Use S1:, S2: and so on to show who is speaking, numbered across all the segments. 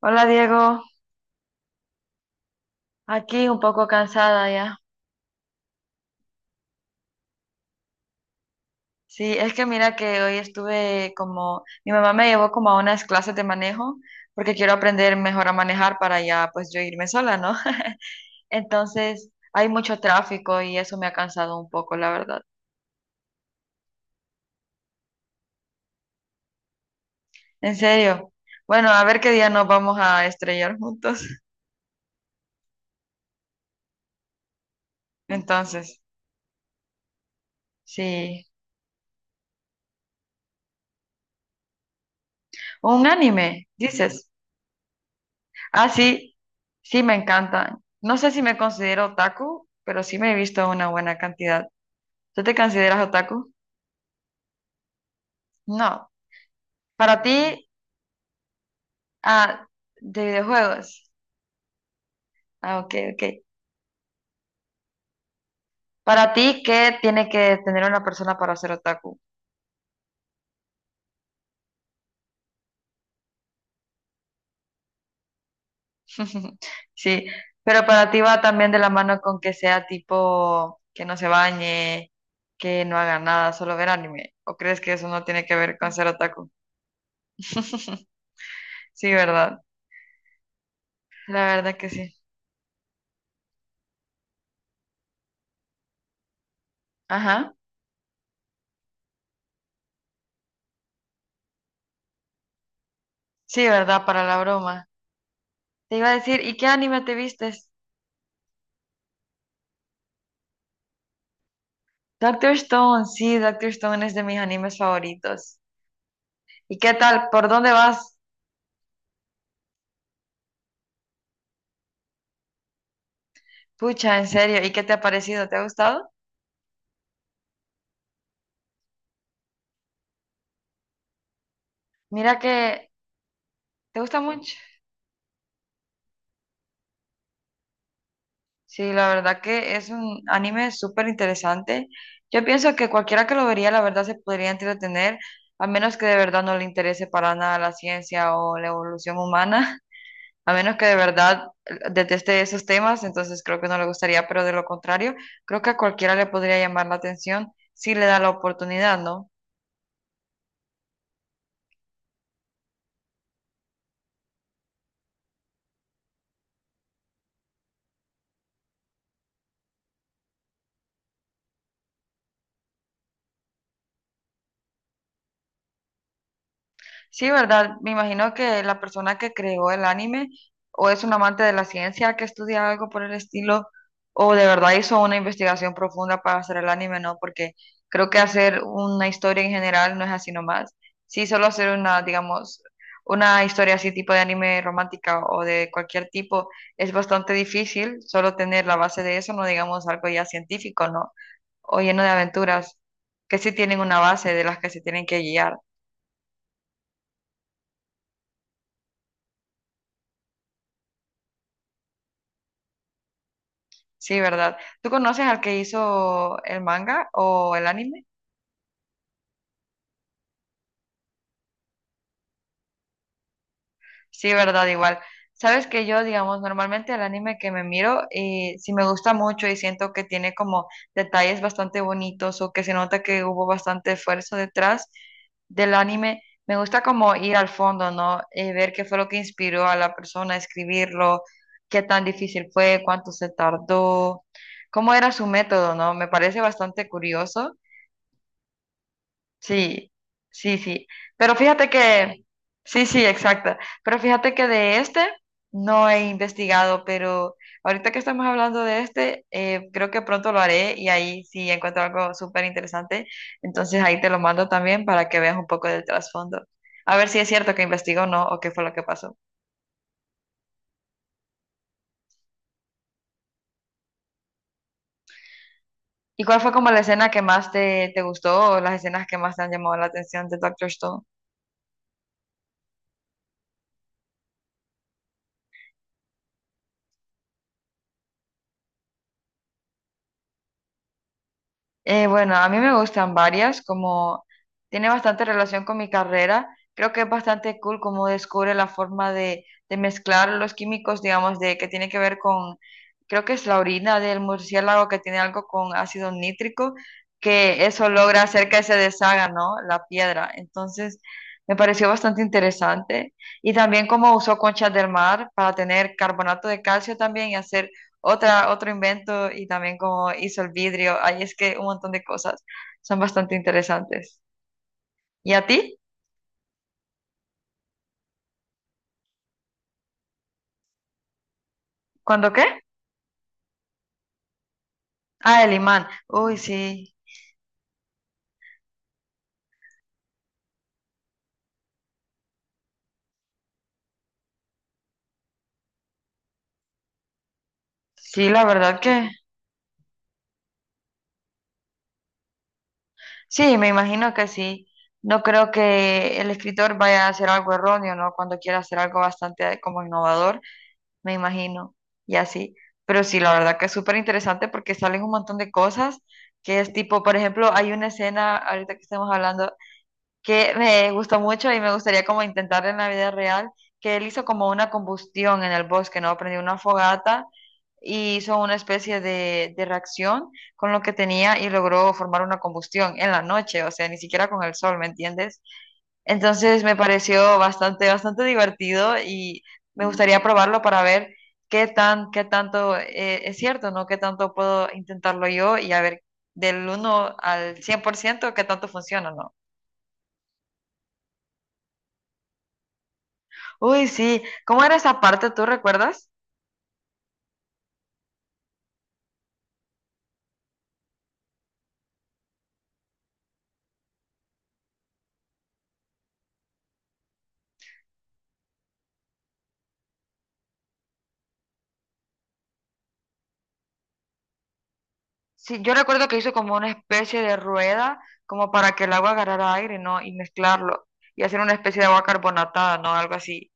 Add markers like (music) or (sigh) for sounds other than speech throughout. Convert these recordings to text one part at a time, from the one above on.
S1: Hola Diego, aquí un poco cansada ya. Sí, es que mira que hoy estuve como, mi mamá me llevó como a unas clases de manejo porque quiero aprender mejor a manejar para ya pues yo irme sola, ¿no? (laughs) Entonces hay mucho tráfico y eso me ha cansado un poco, la verdad. ¿En serio? Bueno, a ver qué día nos vamos a estrellar juntos. (laughs) Entonces, sí. Un anime, dices. Ah, sí, sí me encantan. No sé si me considero otaku, pero sí me he visto una buena cantidad. ¿Tú te consideras otaku? No. Para ti, ah, de videojuegos. Ah, ok, ok. Para ti, ¿qué tiene que tener una persona para ser otaku? (laughs) Sí, pero para ti va también de la mano con que sea tipo que no se bañe, que no haga nada, solo ver anime. ¿O crees que eso no tiene que ver con ser otaku? (laughs) Sí, ¿verdad? La verdad que sí. Ajá. Sí, ¿verdad? Para la broma. Te iba a decir, ¿y qué anime te viste? Doctor Stone, sí, Doctor Stone es de mis animes favoritos. ¿Y qué tal? ¿Por dónde vas? Pucha, ¿en serio? ¿Y qué te ha parecido? ¿Te ha gustado? Mira que te gusta mucho. Sí, la verdad que es un anime súper interesante. Yo pienso que cualquiera que lo vería, la verdad, se podría entretener, a menos que de verdad no le interese para nada la ciencia o la evolución humana. A menos que de verdad deteste esos temas, entonces creo que no le gustaría, pero de lo contrario, creo que a cualquiera le podría llamar la atención si le da la oportunidad, ¿no? Sí, ¿verdad? Me imagino que la persona que creó el anime o es un amante de la ciencia que estudia algo por el estilo o de verdad hizo una investigación profunda para hacer el anime, ¿no? Porque creo que hacer una historia en general no es así nomás. Sí, solo hacer una, digamos, una historia así tipo de anime romántica o de cualquier tipo es bastante difícil, solo tener la base de eso, no digamos algo ya científico, ¿no? O lleno de aventuras que sí tienen una base de las que se tienen que guiar. Sí, ¿verdad? ¿Tú conoces al que hizo el manga o el anime? Sí, ¿verdad? Igual. Sabes que yo, digamos, normalmente el anime que me miro, sí me gusta mucho y siento que tiene como detalles bastante bonitos o que se nota que hubo bastante esfuerzo detrás del anime. Me gusta como ir al fondo, ¿no? Ver qué fue lo que inspiró a la persona a escribirlo, qué tan difícil fue, cuánto se tardó, cómo era su método, ¿no? Me parece bastante curioso. Sí, sí, sí. Pero fíjate que, sí, sí, exacta. Pero fíjate que de este no he investigado, pero ahorita que estamos hablando de este, creo que pronto lo haré y ahí sí encuentro algo súper interesante. Entonces ahí te lo mando también para que veas un poco del trasfondo. A ver si es cierto que investigó o no, o qué fue lo que pasó. ¿Y cuál fue como la escena que más te gustó o las escenas que más te han llamado la atención de Doctor Stone? Bueno, a mí me gustan varias, como tiene bastante relación con mi carrera. Creo que es bastante cool cómo descubre la forma de mezclar los químicos, digamos, de que tiene que ver con, creo que es la orina del murciélago que tiene algo con ácido nítrico, que eso logra hacer que se deshaga, ¿no? La piedra. Entonces, me pareció bastante interesante. Y también cómo usó conchas del mar para tener carbonato de calcio también y hacer otra, otro invento y también cómo hizo el vidrio. Ahí es que un montón de cosas son bastante interesantes. ¿Y a ti? ¿Cuándo qué? Ah, el imán. Uy, sí, sí, la verdad que sí, me imagino que sí. No creo que el escritor vaya a hacer algo erróneo, ¿no? Cuando quiera hacer algo bastante como innovador, me imagino, y así. Pero sí, la verdad que es súper interesante porque salen un montón de cosas que es tipo, por ejemplo, hay una escena, ahorita que estamos hablando que me gustó mucho y me gustaría como intentar en la vida real, que él hizo como una combustión en el bosque, ¿no? Prendió una fogata y hizo una especie de reacción con lo que tenía y logró formar una combustión en la noche, o sea, ni siquiera con el sol, ¿me entiendes? Entonces me pareció bastante, bastante divertido y me gustaría probarlo para ver qué tan, qué tanto es cierto, ¿no? Qué tanto puedo intentarlo yo y a ver del uno al 100% qué tanto funciona, ¿no? Uy, sí. ¿Cómo era esa parte? ¿Tú recuerdas? Sí, yo recuerdo que hizo como una especie de rueda, como para que el agua agarrara aire, ¿no? Y mezclarlo. Y hacer una especie de agua carbonatada, ¿no? Algo así.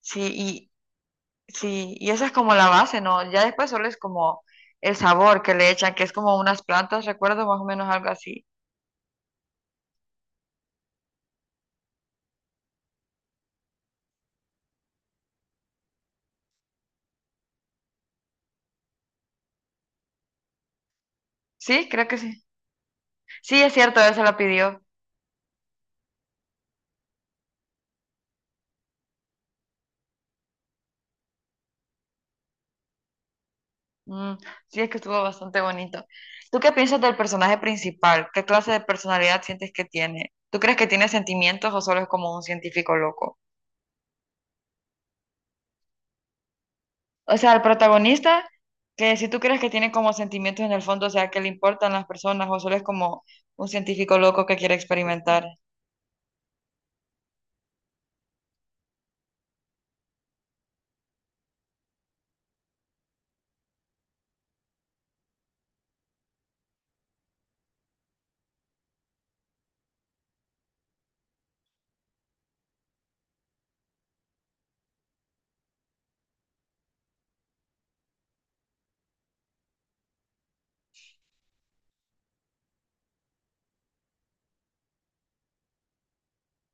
S1: Sí, y sí, y esa es como la base, ¿no? Ya después solo es como el sabor que le echan, que es como unas plantas, recuerdo más o menos algo así. Sí, creo que sí. Sí, es cierto, él se la pidió. Mm, sí, es que estuvo bastante bonito. ¿Tú qué piensas del personaje principal? ¿Qué clase de personalidad sientes que tiene? ¿Tú crees que tiene sentimientos o solo es como un científico loco? O sea, el protagonista, que si tú crees que tiene como sentimientos en el fondo, o sea, que le importan las personas o solo es como un científico loco que quiere experimentar.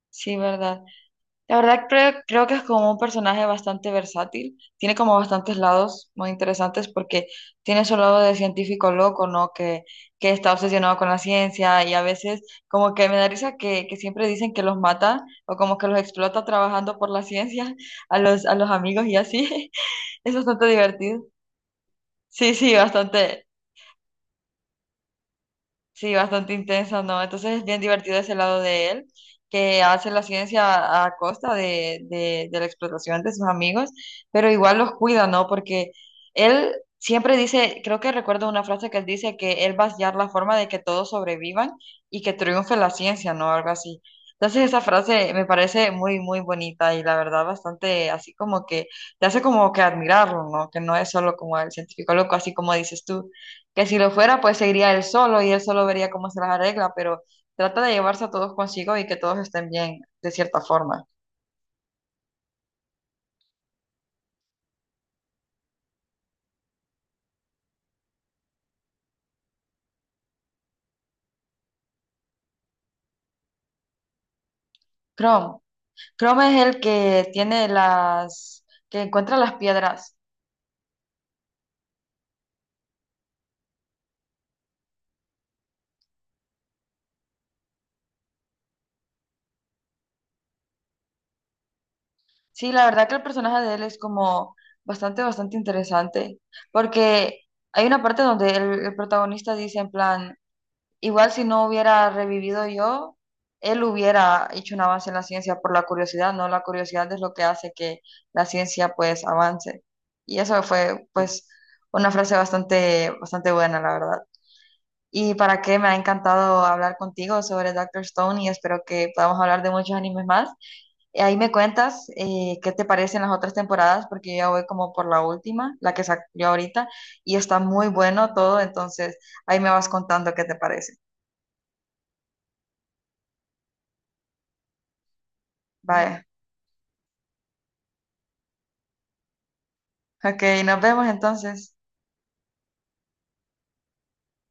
S1: Sí, ¿verdad? La verdad creo que es como un personaje bastante versátil, tiene como bastantes lados muy interesantes porque tiene su lado de científico loco, ¿no? Que está obsesionado con la ciencia y a veces como que me da risa que siempre dicen que los mata o como que los explota trabajando por la ciencia (laughs) a los amigos y así, (laughs) es bastante divertido. Sí, sí, bastante. Sí, bastante intenso, ¿no? Entonces es bien divertido ese lado de él, que hace la ciencia a costa de la explotación de sus amigos, pero igual los cuida, ¿no? Porque él siempre dice, creo que recuerdo una frase que él dice que él va a hallar la forma de que todos sobrevivan y que triunfe la ciencia, ¿no? Algo así. Entonces esa frase me parece muy, muy bonita y la verdad bastante así como que te hace como que admirarlo, ¿no? Que no es solo como el científico loco, así como dices tú que si lo fuera, pues seguiría él solo y él solo vería cómo se las arregla, pero trata de llevarse a todos consigo y que todos estén bien, de cierta forma. Chrome. Chrome es el que tiene las, que encuentra las piedras. Sí, la verdad que el personaje de él es como bastante, bastante interesante, porque hay una parte donde el protagonista dice en plan, igual si no hubiera revivido yo, él hubiera hecho un avance en la ciencia por la curiosidad, ¿no? La curiosidad es lo que hace que la ciencia pues avance. Y eso fue pues una frase bastante, bastante buena, la verdad. Y para qué me ha encantado hablar contigo sobre Doctor Stone y espero que podamos hablar de muchos animes más. Ahí me cuentas qué te parecen las otras temporadas, porque yo ya voy como por la última, la que salió ahorita, y está muy bueno todo, entonces ahí me vas contando qué te parece. Bye. Ok, nos vemos entonces.